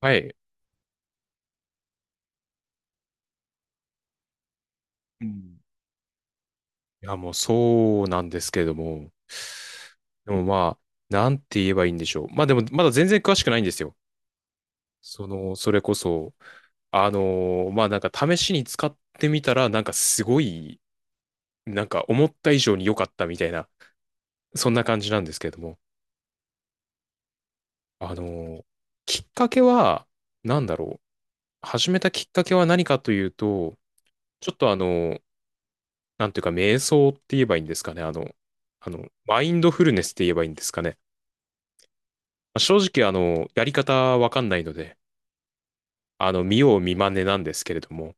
はい。うん。や、もうそうなんですけれども。でもまあ、なんて言えばいいんでしょう。まあでも、まだ全然詳しくないんですよ。その、それこそ、あのまあなんか試しに使ってみたら、なんかすごい、なんか思った以上に良かったみたいな、そんな感じなんですけれども。あのーきっかけは、なんだろう。始めたきっかけは何かというと、ちょっとーなんていうか、瞑想って言えばいいんですかね。マインドフルネスって言えばいいんですかね。まあ正直、やり方わかんないので、見よう見まねなんですけれども、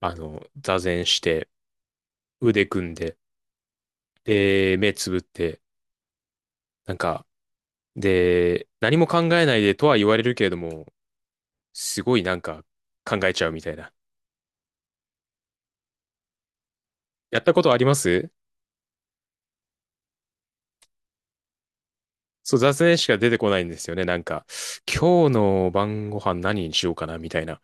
座禅して、腕組んで、で、目つぶって、なんか、で、何も考えないでとは言われるけれども、すごいなんか考えちゃうみたいな。やったことあります？そう、座禅しか出てこないんですよね。なんか、今日の晩ご飯何にしようかなみたいな。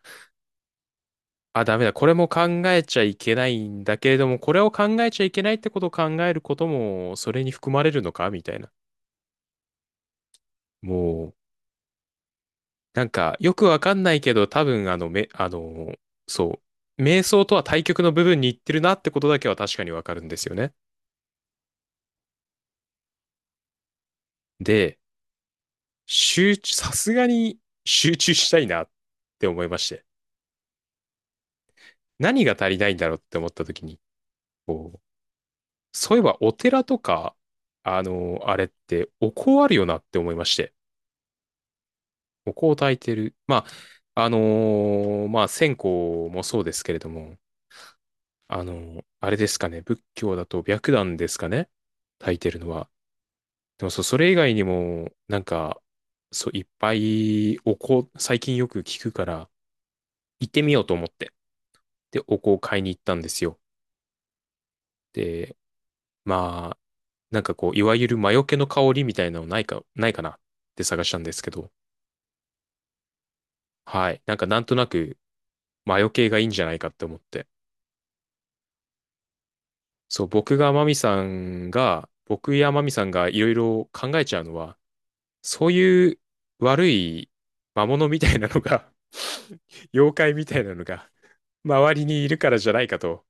あ、ダメだ。これも考えちゃいけないんだけれども、これを考えちゃいけないってことを考えることも、それに含まれるのかみたいな。もう、なんか、よくわかんないけど、多分、あの、め、あの、そう、瞑想とは対極の部分に行ってるなってことだけは確かにわかるんですよね。で、さすがに集中したいなって思いまして。何が足りないんだろうって思った時に、こう、そういえばお寺とか、あれって、お香あるよなって思いまして。お香を焚いてる。まあ、まあ、線香もそうですけれども、あれですかね。仏教だと白檀ですかね。炊いてるのは。でもそう、それ以外にも、なんか、そう、いっぱいお香、最近よく聞くから、行ってみようと思って。で、お香を買いに行ったんですよ。で、まあ、なんかこう、いわゆる魔除けの香りみたいなのないか、ないかなって探したんですけど、はい。なんかなんとなく魔除けがいいんじゃないかって思って。そう、僕がマミさんが、僕やマミさんがいろいろ考えちゃうのは、そういう悪い魔物みたいなのが 妖怪みたいなのが周りにいるからじゃないかと、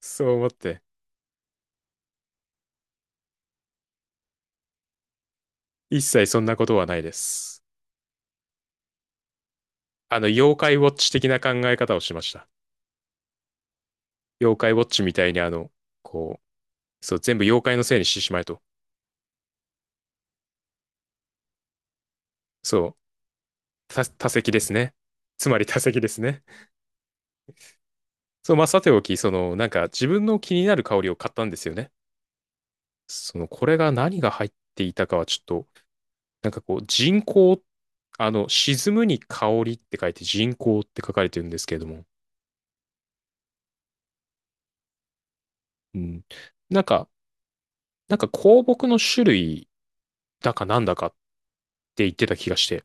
そう思って、一切そんなことはないです。妖怪ウォッチ的な考え方をしました。妖怪ウォッチみたいにこう、そう、全部妖怪のせいにしてしまえと。そう、多席ですね。つまり多席ですね。そう、まあ、さておき、その、なんか自分の気になる香りを買ったんですよね。その、これが何が入っていたかはちょっとなんかこう、人工、沈むに香りって書いて人工って書かれてるんですけれども、うん。なんか、なんか香木の種類だかなんだかって言ってた気がして、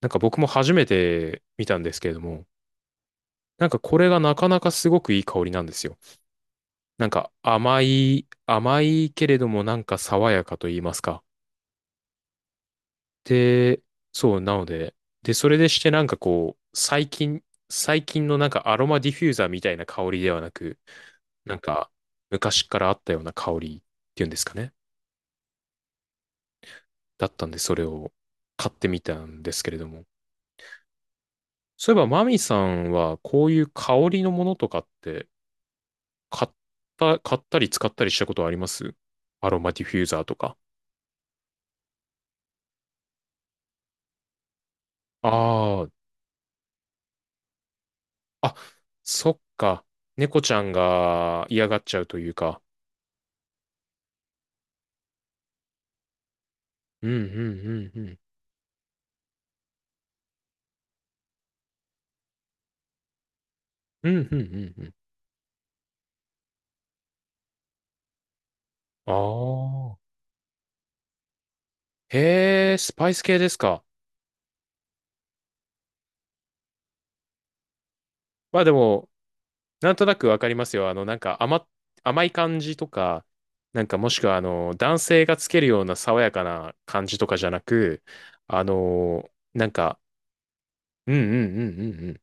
なんか僕も初めて見たんですけれども、なんかこれがなかなかすごくいい香りなんですよ。なんか甘い、甘いけれどもなんか爽やかと言いますか。で、そう、なので、で、それでしてなんかこう、最近のなんかアロマディフューザーみたいな香りではなく、なんか、昔からあったような香りっていうんですかね。だったんで、それを買ってみたんですけれども。そういえば、マミさんは、こういう香りのものとかって、買っ買ったり使ったりしたことあります？アロマディフューザーとか。ああ、あ、そっか。猫ちゃんが嫌がっちゃうというか。うん、うん、うん、うん。うん、うん、うん、うん。ああ。へえ、スパイス系ですか？まあでも、なんとなくわかりますよ。なんか甘い感じとか、なんかもしくは男性がつけるような爽やかな感じとかじゃなく、なんか、うんうんうんうんうん。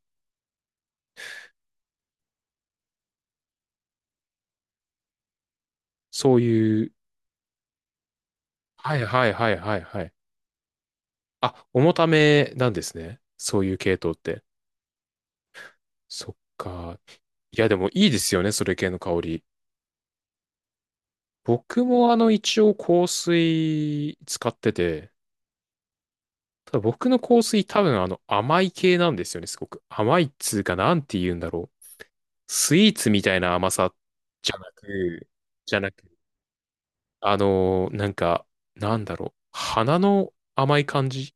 そういう、はいはいはいはいはい。あ、重ためなんですね。そういう系統って。そっか。いやでもいいですよね、それ系の香り。僕も一応香水使ってて、ただ僕の香水多分甘い系なんですよね、すごく。甘いっつうかなんて言うんだろう。スイーツみたいな甘さじゃなく、じゃなく、なんか、なんだろう。花の甘い感じって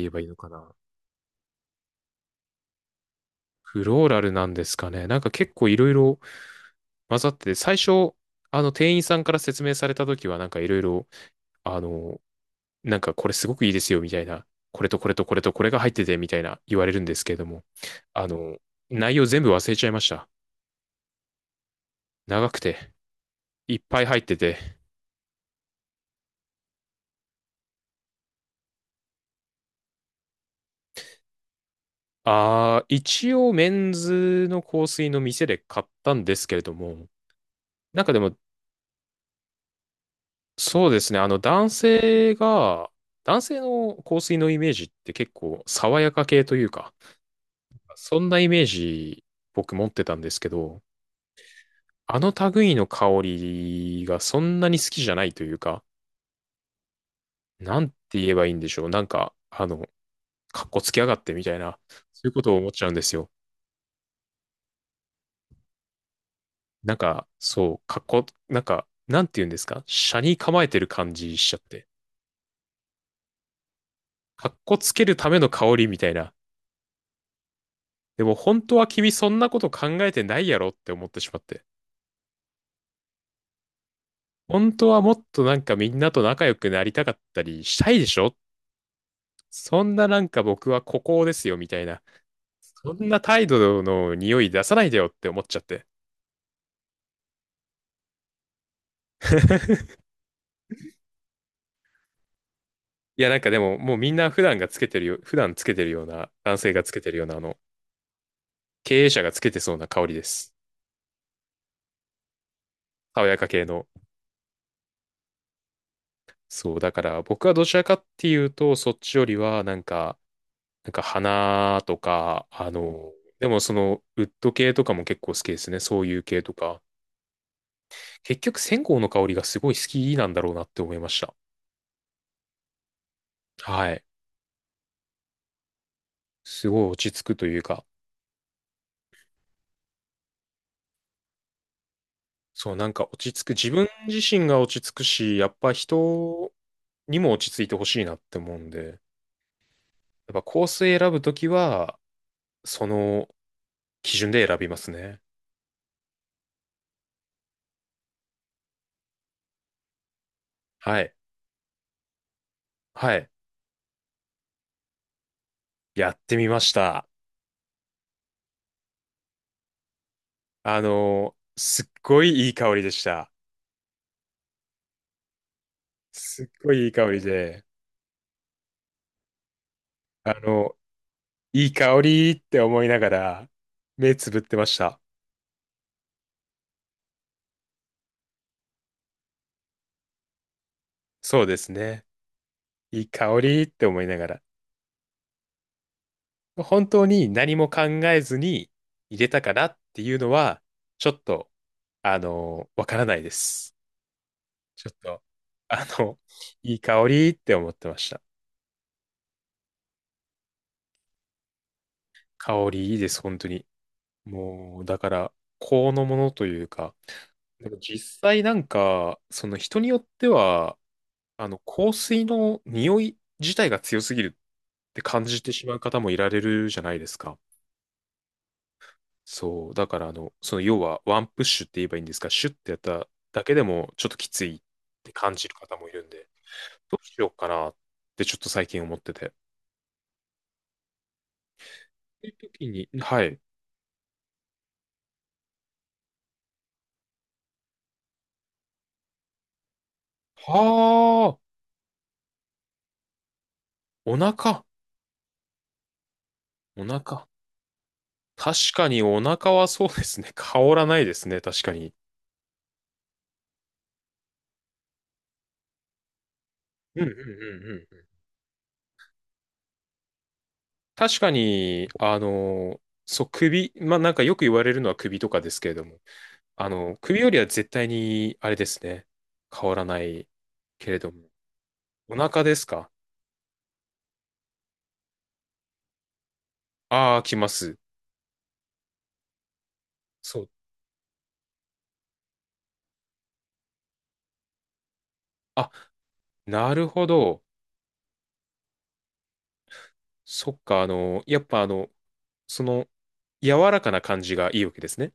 言えばいいのかな。フローラルなんですかね。なんか結構いろいろ混ざってて、最初、あの店員さんから説明された時はなんかいろいろあの、なんかこれすごくいいですよみたいな、これとこれとこれとこれが入っててみたいな言われるんですけれども、あの、内容全部忘れちゃいました。長くて、いっぱい入ってて。ああ一応メンズの香水の店で買ったんですけれども、なんかでも、そうですね、男性の香水のイメージって結構爽やか系というか、そんなイメージ僕持ってたんですけど、あの類の香りがそんなに好きじゃないというか、なんて言えばいいんでしょう。なんか、かっこつけやがってみたいな、そういうことを思っちゃうんですよ。なんか、そう、かっこ、なんか、なんて言うんですか？斜に構えてる感じしちゃって。かっこつけるための香りみたいな。でも本当は君そんなこと考えてないやろって思ってしまって。本当はもっとなんかみんなと仲良くなりたかったりしたいでしょ？そんななんか僕は孤高ですよみたいな。そんな態度の匂い出さないでよって思っちゃって。いや、なんかでも、もうみんな普段がつけてるよ、普段つけてるような、男性がつけてるような、経営者がつけてそうな香りです。爽やか系の。そう、だから僕はどちらかっていうと、そっちよりは、なんか花とか、でもその、ウッド系とかも結構好きですね。そういう系とか。結局、線香の香りがすごい好きなんだろうなって思いました。はい。すごい落ち着くというか、そう、なんか落ち着く、自分自身が落ち着くし、やっぱ人にも落ち着いてほしいなって思うんで、やっぱコース選ぶときは、その基準で選びますね。はい。はい。やってみました。すっごいいい香りでした。すっごいいい香りで、あの、いい香りって思いながら、目つぶってました。そうですね。いい香りって思いながら。本当に何も考えずに入れたかなっていうのは、ちょっと、わからないです。ちょっと、あの、いい香りって思ってました。香りいいです、本当に。もう、だから、このものというか、でも実際なんか、その人によっては、香水の匂い自体が強すぎるって感じてしまう方もいられるじゃないですか。そう。だから、その要はワンプッシュって言えばいいんですか、シュッてやっただけでもちょっときついって感じる方もいるんで、どうしようかなってちょっと最近思ってて。そういう時に、はい。はあ、お腹、お腹。確かにお腹はそうですね。香らないですね、確かに。うんうんうんうん。確かに、そう、首、まあ、なんかよく言われるのは首とかですけれども、首よりは絶対に、あれですね、香らないけれども。お腹ですか？ああー、来ます。そう。あ、なるほど。そっか、やっぱその、柔らかな感じがいいわけですね。